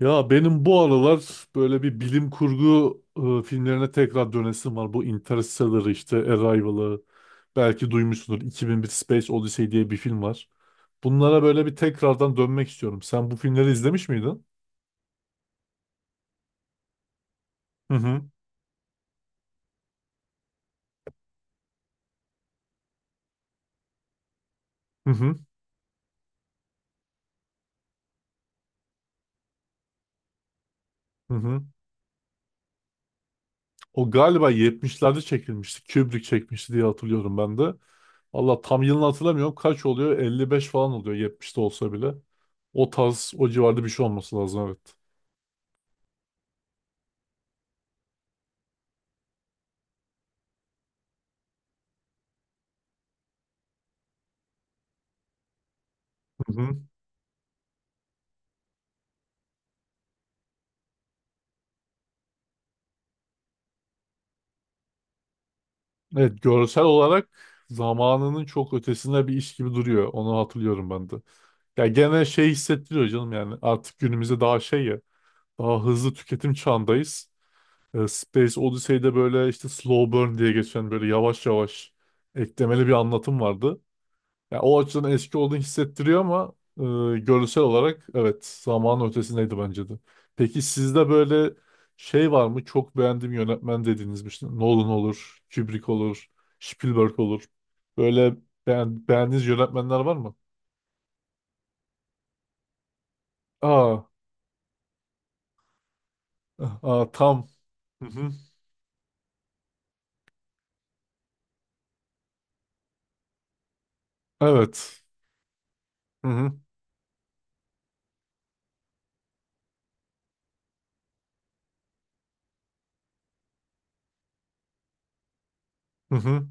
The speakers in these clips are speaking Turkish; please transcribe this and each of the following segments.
Ya benim bu aralar böyle bir bilim kurgu filmlerine tekrar dönesim var. Bu Interstellar işte Arrival'ı belki duymuşsundur. 2001 Space Odyssey diye bir film var. Bunlara böyle bir tekrardan dönmek istiyorum. Sen bu filmleri izlemiş miydin? Hı hı. Hı hı. Hı hı. O galiba 70'lerde çekilmişti. Kubrick çekmişti diye hatırlıyorum ben de. Allah tam yılını hatırlamıyorum. Kaç oluyor? 55 falan oluyor 70'te olsa bile. O tarz, o civarda bir şey olması lazım, evet. Evet, görsel olarak zamanının çok ötesinde bir iş gibi duruyor. Onu hatırlıyorum ben de. Ya gene şey hissettiriyor canım, yani artık günümüzde daha şey ya, daha hızlı tüketim çağındayız. Space Odyssey'de böyle işte slow burn diye geçen böyle yavaş yavaş eklemeli bir anlatım vardı. Ya o açıdan eski olduğunu hissettiriyor ama görsel olarak evet zamanın ötesindeydi bence de. Peki sizde böyle şey var mı? Çok beğendiğim yönetmen dediğiniz bir şey. Nolan olur, Kubrick olur, Spielberg olur. Böyle beğendiğiniz yönetmenler var mı? Aa, aa tam. Hı hı. Evet. Hı hı. Hı hı.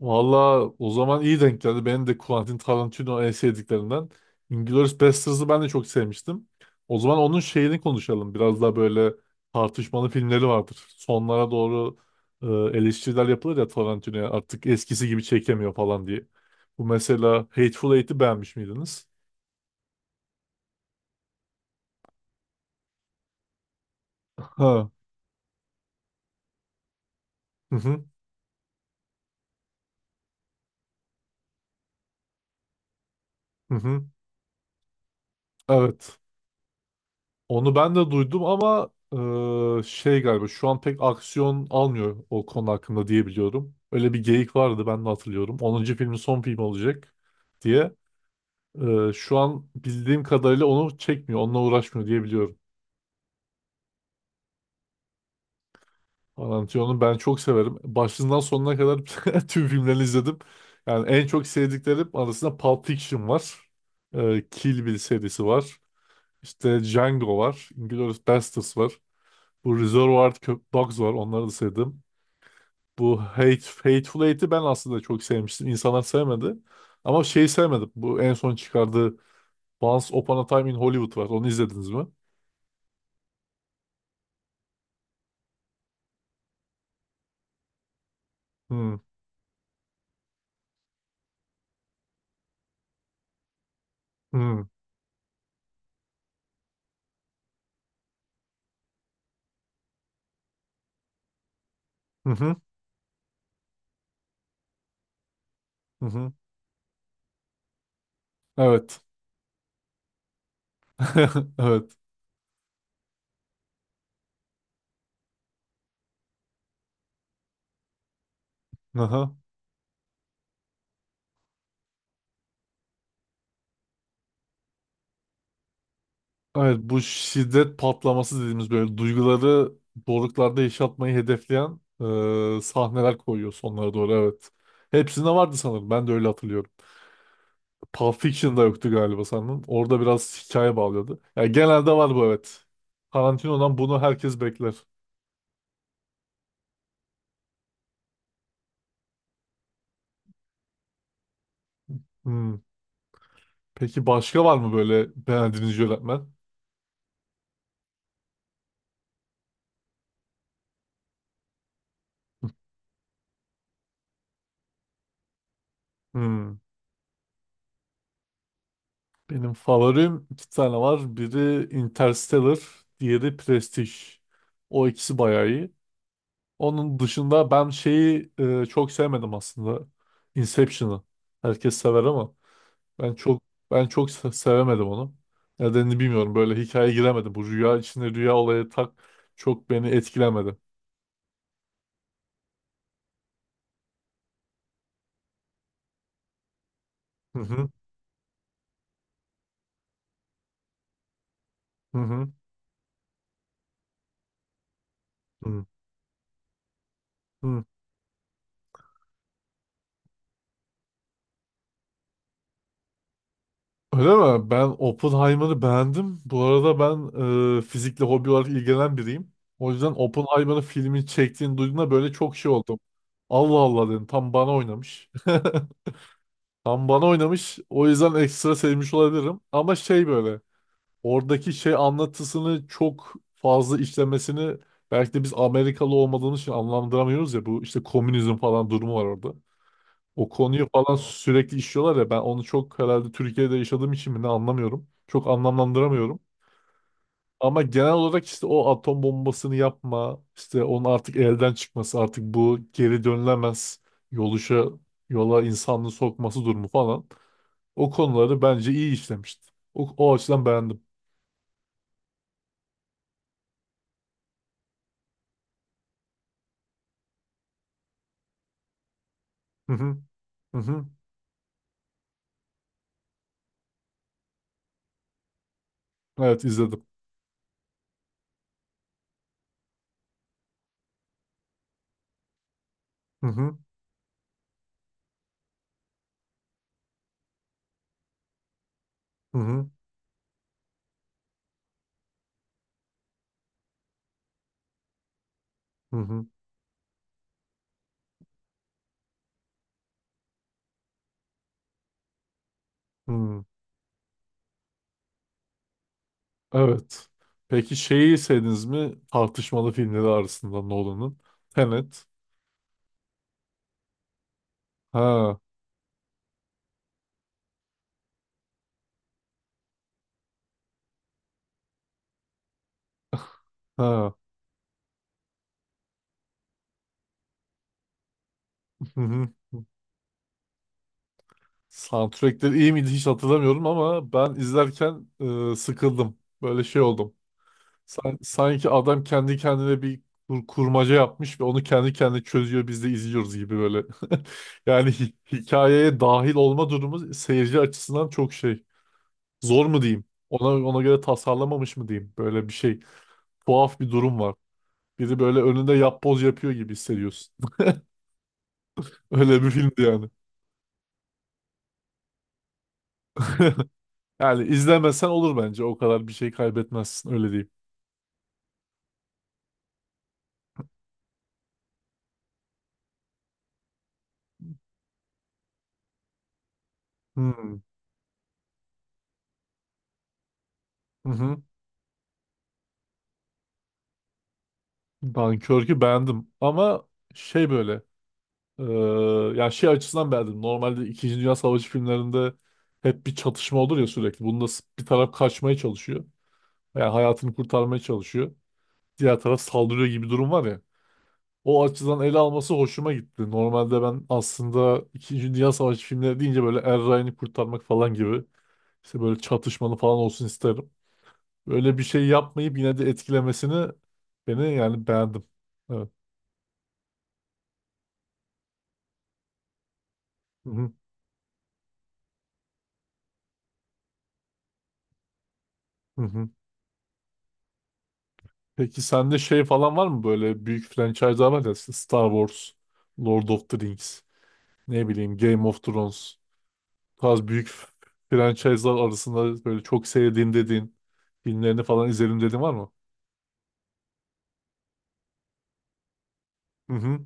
Valla o zaman iyi denk geldi. Benim de Quentin Tarantino en sevdiklerinden. Inglourious Basterds'ı ben de çok sevmiştim. O zaman onun şeyini konuşalım. Biraz daha böyle tartışmalı filmleri vardır. Sonlara doğru eleştiriler yapılır ya Tarantino'ya. Artık eskisi gibi çekemiyor falan diye. Bu mesela Hateful Eight'i beğenmiş miydiniz? Ha. Hı hı. Hı hı. Evet. Onu ben de duydum ama şey galiba şu an pek aksiyon almıyor o konu hakkında diye biliyorum. Öyle bir geyik vardı, ben de hatırlıyorum. Onuncu filmin son filmi olacak diye. E, şu an bildiğim kadarıyla onu çekmiyor, onunla uğraşmıyor diye biliyorum. Tarantino'nun ben çok severim. Başından sonuna kadar tüm filmlerini izledim. Yani en çok sevdiklerim arasında Pulp Fiction var. E, Kill Bill serisi var. İşte Django var. Inglourious Basterds var. Bu Reservoir Dogs var. Onları da sevdim. Bu Hateful Eight'i ben aslında çok sevmiştim. İnsanlar sevmedi. Ama şey sevmedim. Bu en son çıkardığı Once Upon a Time in Hollywood var. Onu izlediniz mi? Hmm. Hmm. Hı hı. Hı hı. Evet. Evet. Aha. Evet, bu şiddet patlaması dediğimiz böyle duyguları doruklarda yaşatmayı hedefleyen sahneler koyuyor sonlara doğru, evet. Hepsinde vardı sanırım. Ben de öyle hatırlıyorum. Pulp Fiction'da yoktu galiba sanırım. Orada biraz hikaye bağlıyordu. Yani genelde var bu, evet. Tarantino'dan bunu herkes bekler. Hmm. Peki başka var mı böyle beğendiğiniz yönetmen? Hmm. Benim favorim iki tane var. Biri Interstellar, diğeri Prestige. O ikisi bayağı iyi. Onun dışında ben şeyi çok sevmedim aslında. Inception'ı. Herkes sever ama. Ben çok ben çok sevemedim onu. Nedenini bilmiyorum. Böyle hikayeye giremedim. Bu rüya içinde rüya olayı tak çok beni etkilemedi. Hı hı hı hı. Hı hı. Öyle mi? Ben Oppenheimer'ı beğendim. Bu arada ben fizikle hobi olarak ilgilenen biriyim. O yüzden Oppenheimer'ın filmini çektiğini duyduğumda böyle çok şey oldum. Allah Allah dedim. Tam bana oynamış. Tam bana oynamış. O yüzden ekstra sevmiş olabilirim. Ama şey böyle, oradaki şey anlatısını çok fazla işlemesini, belki de biz Amerikalı olmadığımız için anlamlandıramıyoruz ya, bu işte komünizm falan durumu var orada. O konuyu falan sürekli işliyorlar ya, ben onu çok herhalde Türkiye'de yaşadığım için mi ne anlamıyorum. Çok anlamlandıramıyorum. Ama genel olarak işte o atom bombasını yapma, işte onun artık elden çıkması, artık bu geri dönülemez yoluşa, yola insanlığı sokması durumu falan. O konuları bence iyi işlemişti. O, o açıdan beğendim. Hı hı. Hı hı. Evet, izledim. Hı hı. Hı hı. Hı hı. Hı. Evet. Peki şeyi izlediniz mi? Tartışmalı filmleri arasında Nolan'ın. Tenet. Ha, ha. Hı hı. Soundtrackleri iyi miydi hiç hatırlamıyorum ama ben izlerken sıkıldım. Böyle şey oldum. Sanki adam kendi kendine bir kurmaca yapmış ve onu kendi kendine çözüyor, biz de izliyoruz gibi böyle. Yani hikayeye dahil olma durumu seyirci açısından çok şey. Zor mu diyeyim? Ona göre tasarlamamış mı diyeyim? Böyle bir şey. Tuhaf bir durum var. Biri böyle önünde yapboz yapıyor gibi hissediyorsun. Öyle bir filmdi yani. Yani izlemesen olur bence. O kadar bir şey kaybetmezsin. Öyle diyeyim. Hmm. Hı hı. Dunkirk'ü beğendim. Ama şey böyle, eee, yani şey açısından beğendim. Normalde İkinci Dünya Savaşı filmlerinde hep bir çatışma olur ya sürekli. Bunda bir taraf kaçmaya çalışıyor. Yani hayatını kurtarmaya çalışıyor. Diğer taraf saldırıyor gibi durum var ya, o açıdan ele alması hoşuma gitti. Normalde ben aslında İkinci Dünya Savaşı filmleri deyince böyle Er Ryan'ı kurtarmak falan gibi işte böyle çatışmalı falan olsun isterim. Böyle bir şey yapmayıp yine de etkilemesini beni, yani beğendim. Evet. Hı hı, hı hı. Peki sende şey falan var mı, böyle büyük franchise'lar var ya işte Star Wars, Lord of the Rings, ne bileyim Game of Thrones. Bu tarz büyük franchise'lar arasında böyle çok sevdiğim dediğin filmlerini falan izledim dediğin var mı? Hı hı.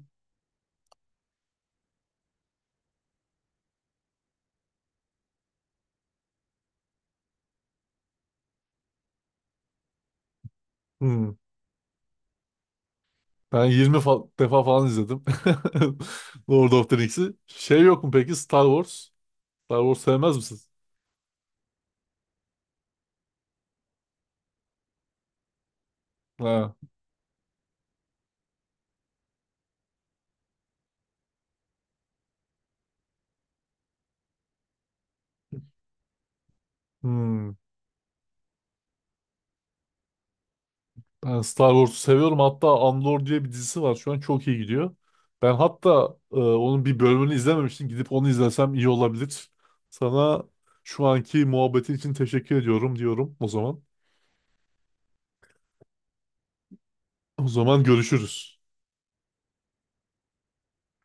Hı. Ben 20 defa falan izledim. Lord of the Rings'i. Şey yok mu peki Star Wars? Star Wars sevmez misiniz? Ha. Hmm. Ben Star Wars'u seviyorum. Hatta Andor diye bir dizisi var. Şu an çok iyi gidiyor. Ben hatta onun bir bölümünü izlememiştim. Gidip onu izlesem iyi olabilir. Sana şu anki muhabbetin için teşekkür ediyorum diyorum o zaman. O zaman görüşürüz.